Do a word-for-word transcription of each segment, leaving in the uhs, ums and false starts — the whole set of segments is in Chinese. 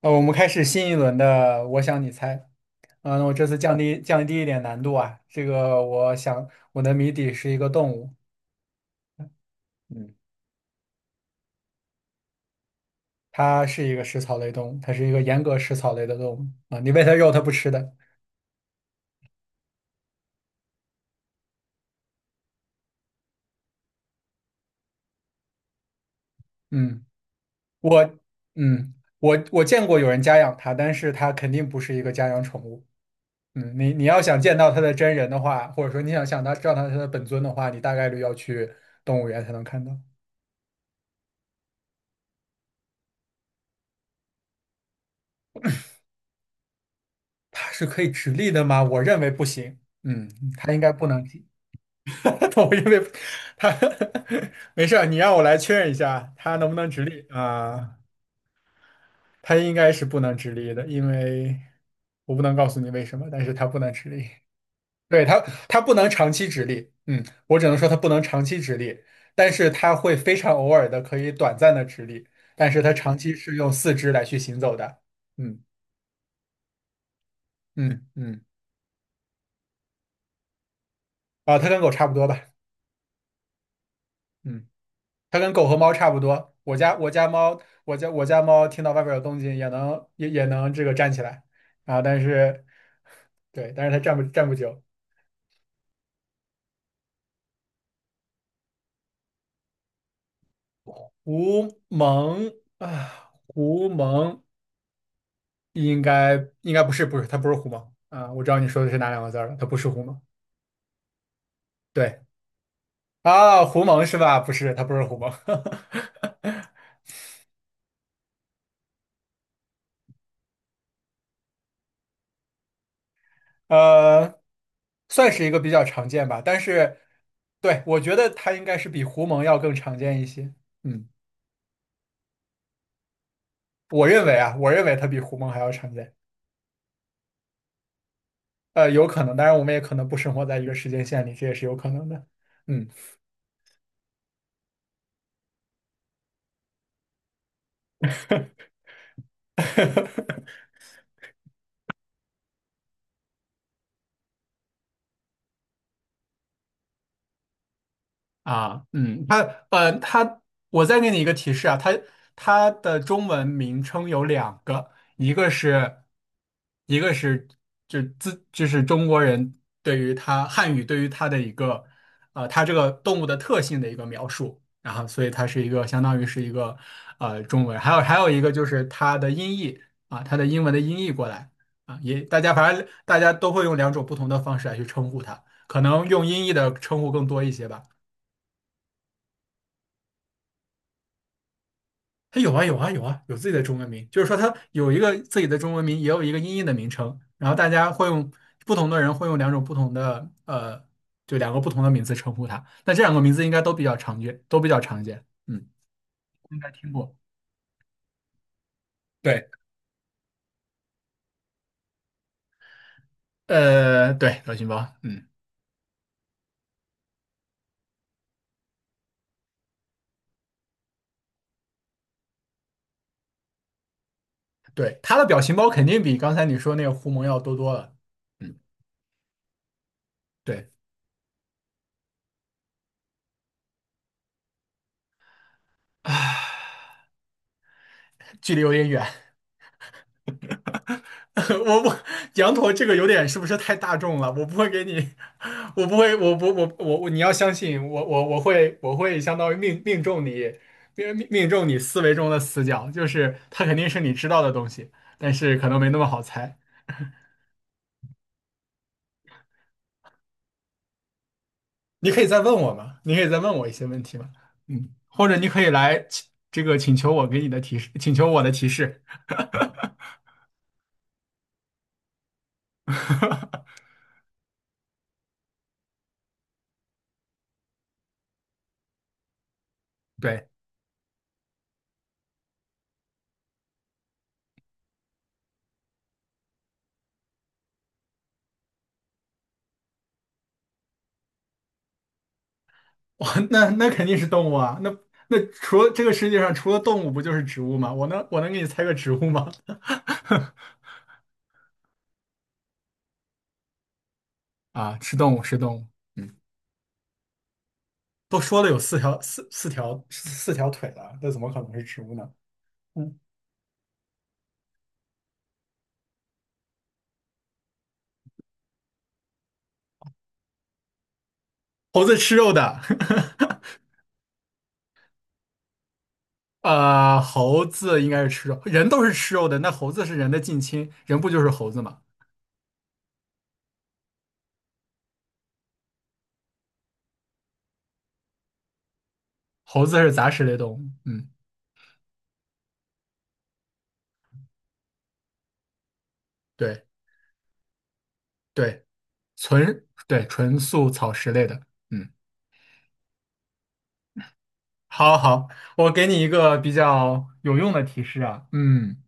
呃，我们开始新一轮的"我想你猜"。嗯，那我这次降低降低一点难度啊。这个我想我的谜底是一个动物。嗯，它是一个食草类动物，它是一个严格食草类的动物啊。你喂它肉，它不吃的。嗯，我嗯我我见过有人家养它，但是它肯定不是一个家养宠物。嗯，你你要想见到它的真人的话，或者说你想想它知道它它的本尊的话，你大概率要去动物园才能看到。它是可以直立的吗？我认为不行。嗯，它应该不能直，我认为它 没事儿，你让我来确认一下，它能不能直立啊？它应该是不能直立的，因为我不能告诉你为什么，但是它不能直立。对，它，它不能长期直立。嗯，我只能说它不能长期直立，但是它会非常偶尔的可以短暂的直立，但是它长期是用四肢来去行走的。嗯嗯嗯，啊，它跟狗差不多吧。嗯。它跟狗和猫差不多。我家我家猫，我家我家猫听到外边有动静也能也也能这个站起来啊，但是对，但是它站不站不久。狐獴啊，狐獴应该应该不是不是，它不是狐獴啊，我知道你说的是哪两个字儿了，它不是狐獴。对啊，狐獴是吧？不是，它不是狐獴。呃，算是一个比较常见吧，但是对，我觉得它应该是比狐獴要更常见一些。嗯。我认为啊，我认为它比狐獴还要常见。呃，有可能，当然我们也可能不生活在一个时间线里，这也是有可能的。嗯。啊，嗯，它呃，它，我再给你一个提示啊，它它的中文名称有两个，一个是一个是就自就是中国人对于它汉语对于它的一个呃它这个动物的特性的一个描述，然后所以它是一个相当于是一个呃中文，还有还有一个就是它的音译啊，它的英文的音译过来啊，也大家反正大家都会用两种不同的方式来去称呼它，可能用音译的称呼更多一些吧。它有啊有啊有啊，有自己的中文名，就是说它有一个自己的中文名，也有一个音译的名称，然后大家会用不同的人会用两种不同的呃，就两个不同的名字称呼它。那这两个名字应该都比较常见，都比较常见，嗯，应该听过。对，呃，对，表情包，嗯，对，它的表情包肯定比刚才你说那个狐獴要多多了，嗯，对，啊，距离有点远，我不，羊驼这个有点是不是太大众了？我不会给你，我不会，我不，我我我，你要相信我，我我会，我会相当于命命中你，命命命中你思维中的死角，就是它肯定是你知道的东西，但是可能没那么好猜。你可以再问我嘛，你可以再问我一些问题嘛，嗯，或者你可以来请这个请求我给你的提示，请求我的提示。对。哇，那那肯定是动物啊，那那除了这个世界上除了动物不就是植物吗？我能我能给你猜个植物吗？啊，是动物，是动物。都说了有四条四四条四四条腿了，那怎么可能是植物呢？嗯，猴子吃肉的，啊，猴子应该是吃肉，人都是吃肉的，那猴子是人的近亲，人不就是猴子吗？猴子是杂食类动物，嗯，对对，纯对纯素草食类的，嗯，好好，我给你一个比较有用的提示啊，嗯，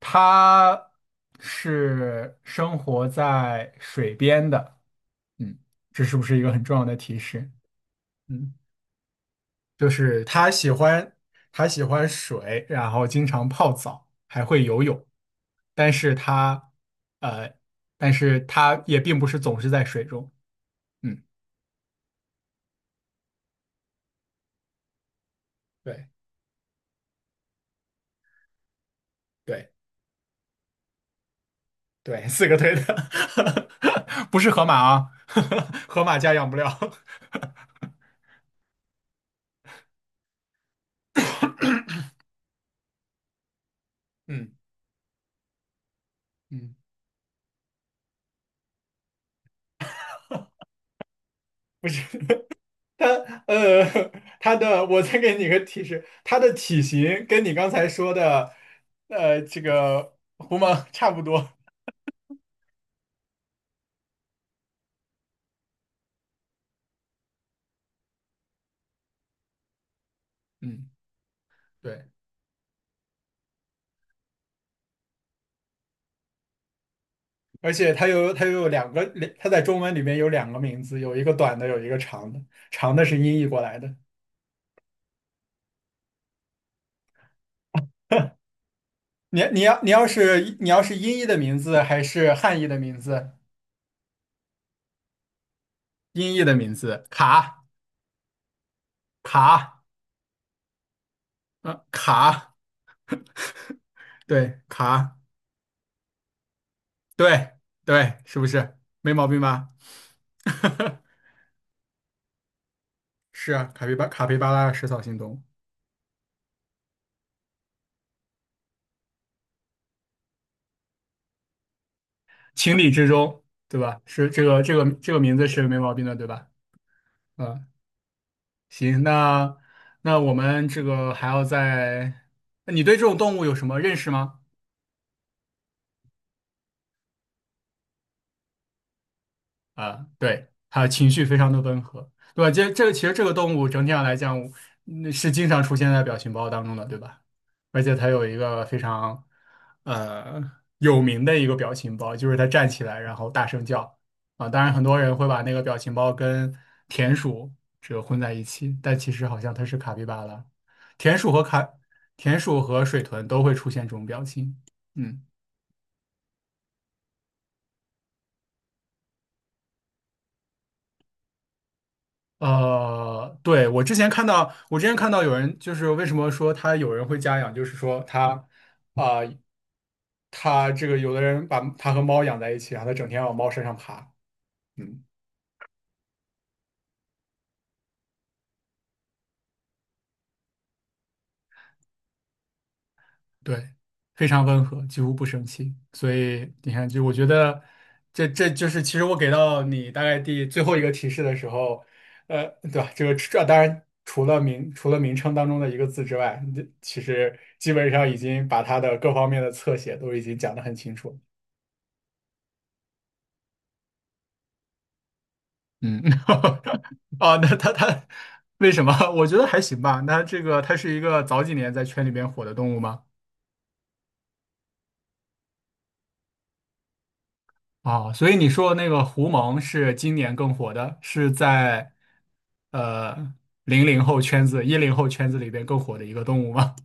它是生活在水边的，嗯，这是不是一个很重要的提示？嗯，就是它喜欢它喜欢水，然后经常泡澡，还会游泳，但是它呃，但是它也并不是总是在水中，嗯，对对。对，四个腿的，不是河马啊，河马家养不了。嗯嗯，不是 它，呃，它的，我再给你个提示，它的体型跟你刚才说的，呃，这个狐獴差不多。嗯，对，而且它有它又有两个，两它在中文里面有两个名字，有一个短的，有一个长的，长的是音译过来的。你你要你要是你要是音译的名字还是汉译的名字？音译的名字，卡卡，嗯，卡，对，卡，对对，是不是？没毛病吧？是啊，卡皮巴卡皮巴拉食草性动物，情理之中，对吧？是这个这个这个名字是没毛病的，对吧？嗯，行，那那我们这个还要再，你对这种动物有什么认识吗？啊，对，它情绪非常的温和，对吧？这这其实这个动物整体上来讲，嗯是经常出现在表情包当中的，对吧？而且它有一个非常呃有名的一个表情包，就是它站起来然后大声叫啊。当然，很多人会把那个表情包跟田鼠这个混在一起，但其实好像它是卡皮巴拉。田鼠和卡，田鼠和水豚都会出现这种表情，嗯。呃，对，我之前看到，我之前看到有人就是为什么说他有人会家养，就是说他啊、他这个有的人把他和猫养在一起，然后他整天往猫身上爬，嗯。对，非常温和，几乎不生气。所以你看，就我觉得这这就是其实我给到你大概第最后一个提示的时候，呃，对吧？这个这当然除了名除了名称当中的一个字之外，这其实基本上已经把它的各方面的侧写都已经讲的很清楚了。嗯，啊，那它它为什么？我觉得还行吧。那这个它是一个早几年在圈里边火的动物吗？啊，所以你说那个胡蒙是今年更火的，是在呃零零后圈子、一零后圈子里边更火的一个动物吗？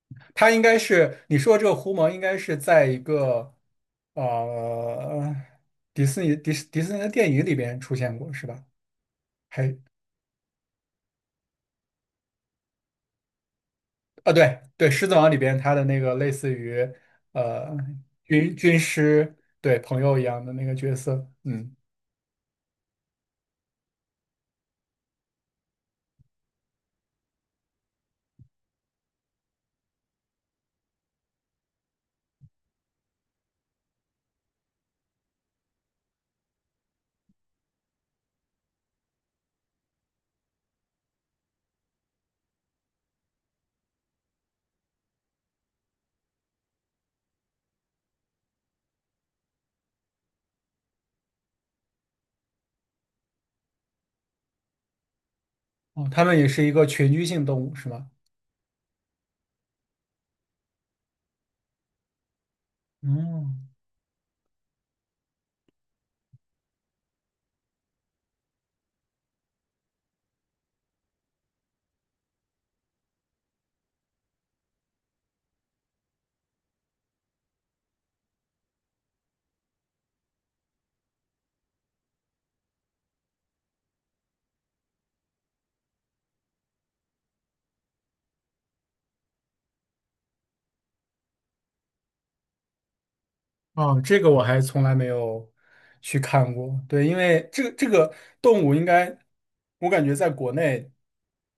它应该是你说这个狐蒙应该是在一个呃迪士尼迪士迪士尼的电影里边出现过是吧？还啊对对，《狮子王》里边它的那个类似于呃军军师对朋友一样的那个角色，嗯哦，他们也是一个群居性动物是吗？嗯。哦，这个我还从来没有去看过。对，因为这个这个动物应该，我感觉在国内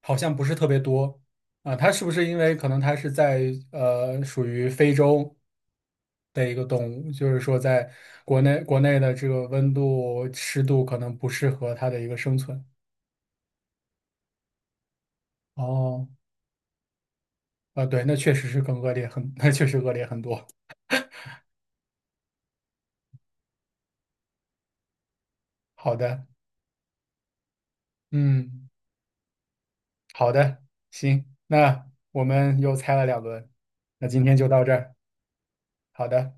好像不是特别多啊。它是不是因为可能它是在呃属于非洲的一个动物，就是说在国内国内的这个温度湿度可能不适合它的一个生存。哦，啊，对，那确实是更恶劣很，那确实恶劣很多。好的，嗯。好的，行，那我们又猜了两轮，那今天就到这儿。好的。